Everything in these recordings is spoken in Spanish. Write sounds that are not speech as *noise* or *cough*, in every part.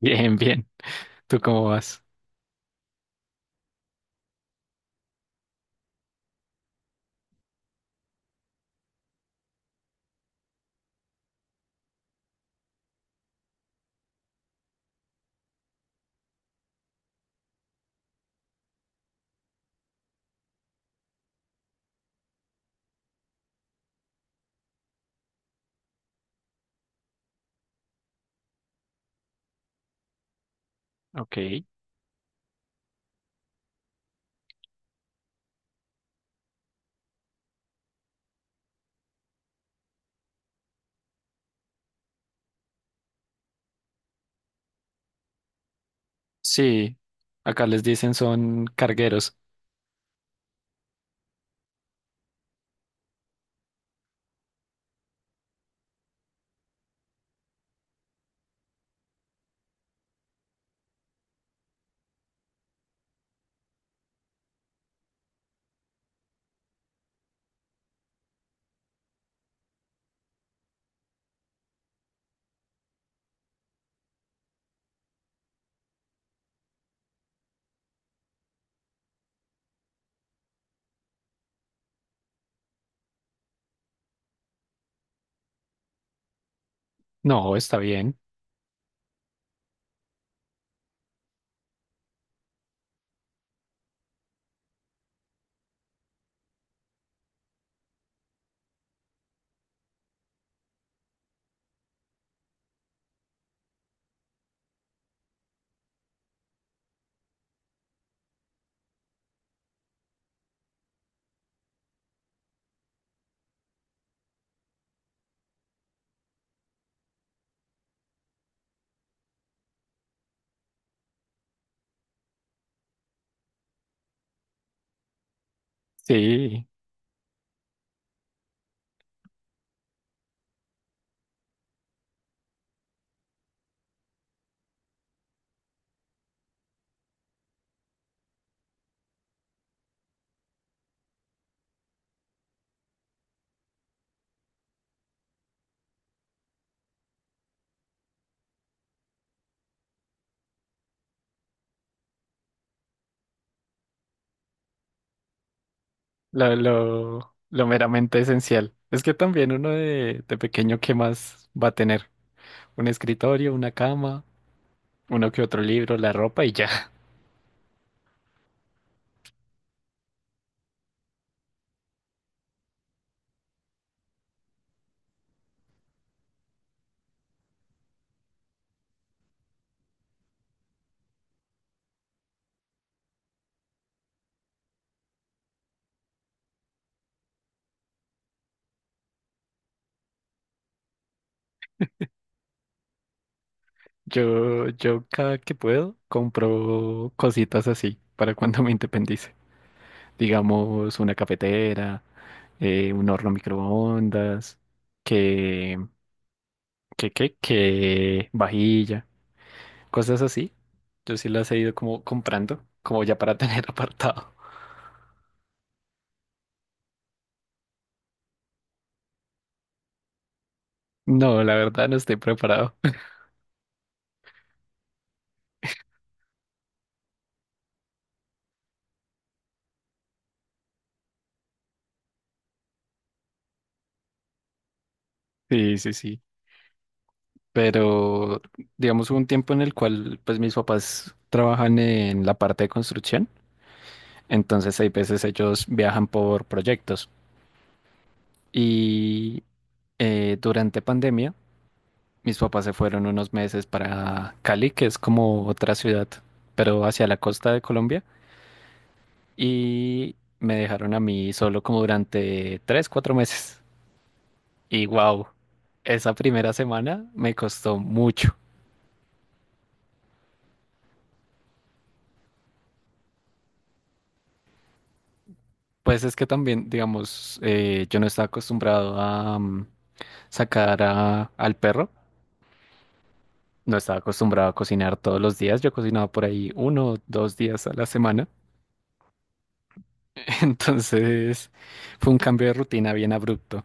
Bien, bien. ¿Tú cómo vas? Ok. Sí, acá les dicen son cargueros. No, está bien. Sí, lo meramente esencial. Es que también uno de pequeño, ¿qué más va a tener? Un escritorio, una cama, uno que otro libro, la ropa y ya. *laughs* Yo cada que puedo compro cositas así para cuando me independice. Digamos, una cafetera, un horno microondas, que que vajilla, cosas así. Yo sí las he ido como comprando, como ya para tener *laughs* apartado. No, la verdad no estoy preparado. *laughs* Sí, sí, sí. Pero digamos hubo un tiempo en el cual pues mis papás trabajan en la parte de construcción, entonces hay veces ellos viajan por proyectos y durante pandemia mis papás se fueron unos meses para Cali, que es como otra ciudad, pero hacia la costa de Colombia, y me dejaron a mí solo como durante tres, cuatro meses. Y wow, esa primera semana me costó mucho. Pues es que también, digamos, yo no estaba acostumbrado a sacar al perro, no estaba acostumbrado a cocinar todos los días, yo cocinaba por ahí uno o dos días a la semana. *laughs* Entonces fue un cambio de rutina bien abrupto.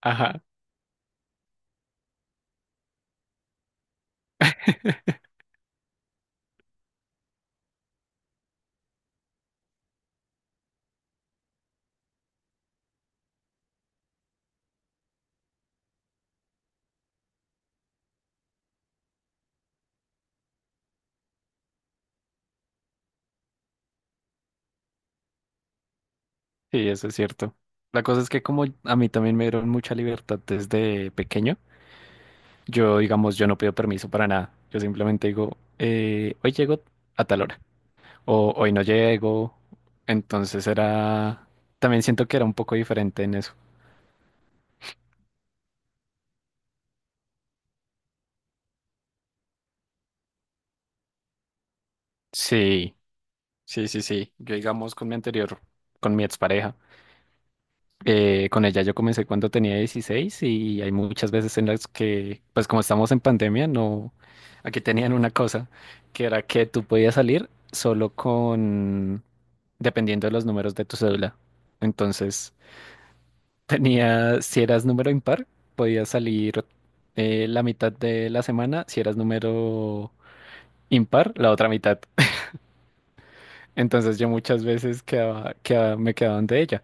Ajá. *laughs* Sí, eso es cierto. La cosa es que como a mí también me dieron mucha libertad desde pequeño, yo, digamos, yo no pido permiso para nada. Yo simplemente digo, hoy llego a tal hora o hoy no llego. Entonces era, también siento que era un poco diferente en eso. Sí, sí, sí, sí. Yo, digamos, con mi expareja, con ella yo comencé cuando tenía 16, y hay muchas veces en las que, pues como estamos en pandemia, no, aquí tenían una cosa, que era que tú podías salir solo con, dependiendo de los números de tu cédula. Entonces, tenía, si eras número impar, podías salir la mitad de la semana. Si eras número impar, la otra mitad. *laughs* Entonces yo muchas veces quedaba, me quedaba donde ella.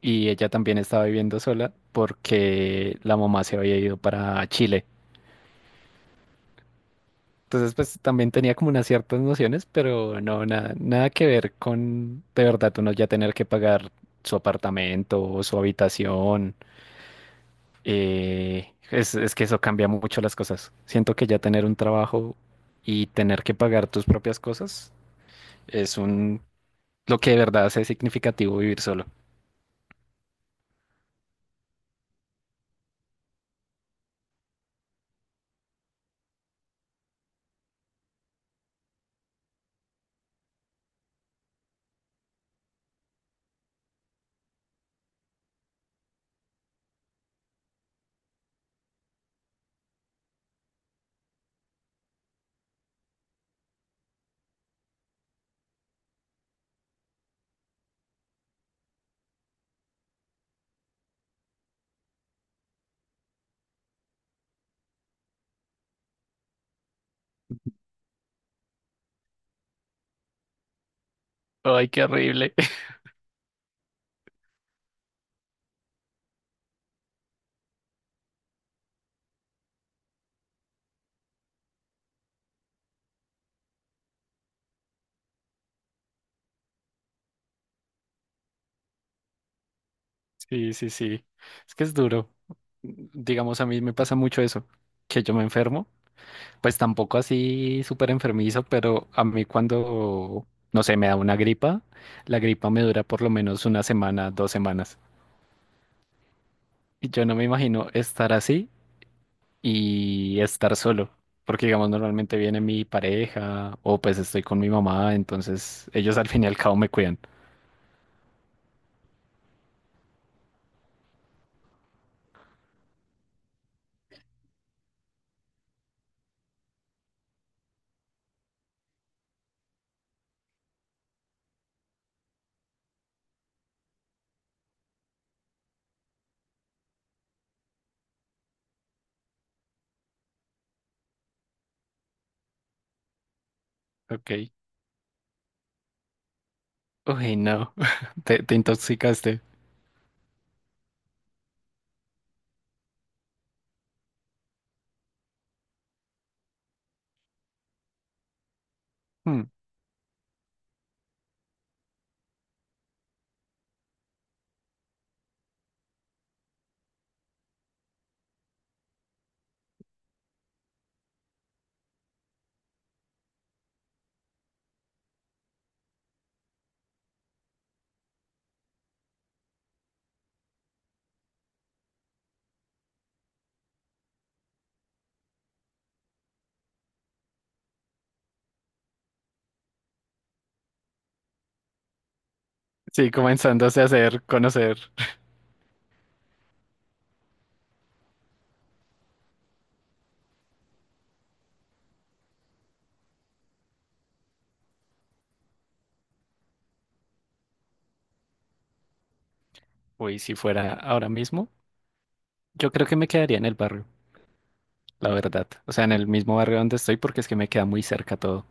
Y ella también estaba viviendo sola porque la mamá se había ido para Chile. Entonces pues también tenía como unas ciertas nociones, pero no, nada, nada que ver con de verdad uno ya tener que pagar su apartamento o su habitación. Es que eso cambia mucho las cosas. Siento que ya tener un trabajo y tener que pagar tus propias cosas es un lo que de verdad hace significativo vivir solo. Ay, qué horrible. *laughs* Sí, sí, sí. Es que es duro. Digamos, a mí me pasa mucho eso, que yo me enfermo. Pues tampoco así súper enfermizo, pero a mí cuando, no sé, me da una gripa, la gripa me dura por lo menos una semana, 2 semanas. Y yo no me imagino estar así y estar solo, porque digamos normalmente viene mi pareja o pues estoy con mi mamá, entonces ellos *laughs* al fin y al cabo me cuidan. Ok. Uy, no, *laughs* te intoxicaste. Hmm. Sí, comenzándose a hacer, conocer. Uy, si fuera ahora mismo, yo creo que me quedaría en el barrio, la verdad. O sea, en el mismo barrio donde estoy porque es que me queda muy cerca todo.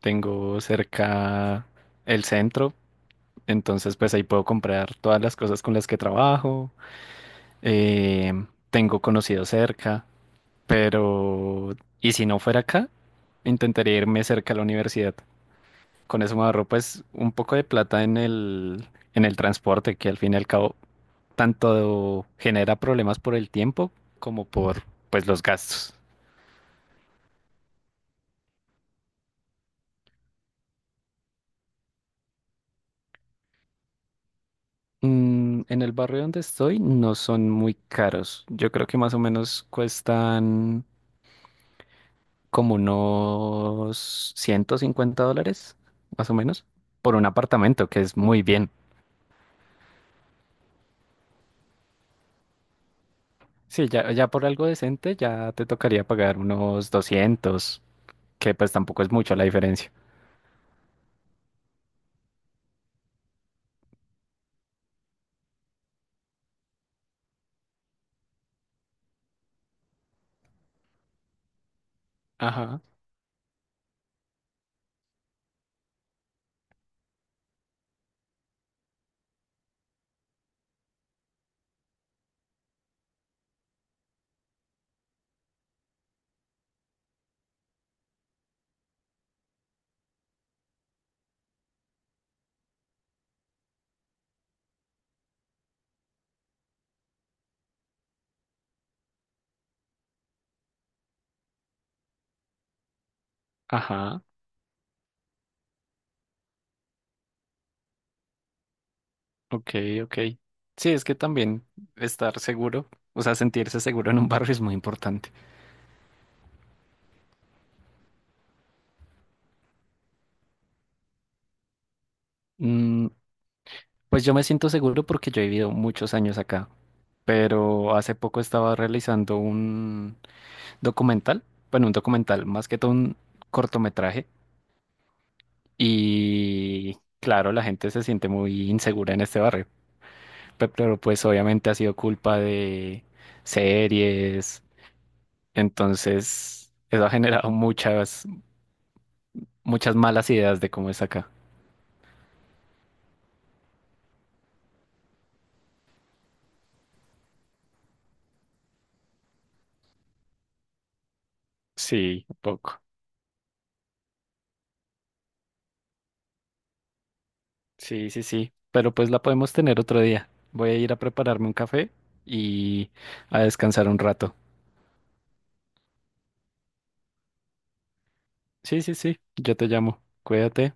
Tengo cerca el centro, entonces pues ahí puedo comprar todas las cosas con las que trabajo. Tengo conocidos cerca, pero... ¿Y si no fuera acá? Intentaría irme cerca a la universidad. Con eso me ahorro pues un poco de plata en el transporte, que al fin y al cabo tanto genera problemas por el tiempo como por pues los gastos. En el barrio donde estoy no son muy caros. Yo creo que más o menos cuestan como unos $150, más o menos, por un apartamento, que es muy bien. Sí, ya, ya por algo decente ya te tocaría pagar unos 200, que pues tampoco es mucho la diferencia. Ajá, ajá, ok, ok. Sí, es que también estar seguro, o sea, sentirse seguro en un barrio es muy importante. Mm, pues yo me siento seguro porque yo he vivido muchos años acá, pero hace poco estaba realizando un documental, bueno, un documental, más que todo un cortometraje, y claro, la gente se siente muy insegura en este barrio. Pero pues obviamente ha sido culpa de series, entonces eso ha generado muchas, muchas malas ideas de cómo es acá. Sí, un poco. Sí, sí, sí, pero pues la podemos tener otro día. Voy a ir a prepararme un café y a descansar un rato. Sí, sí, sí, yo te llamo. Cuídate.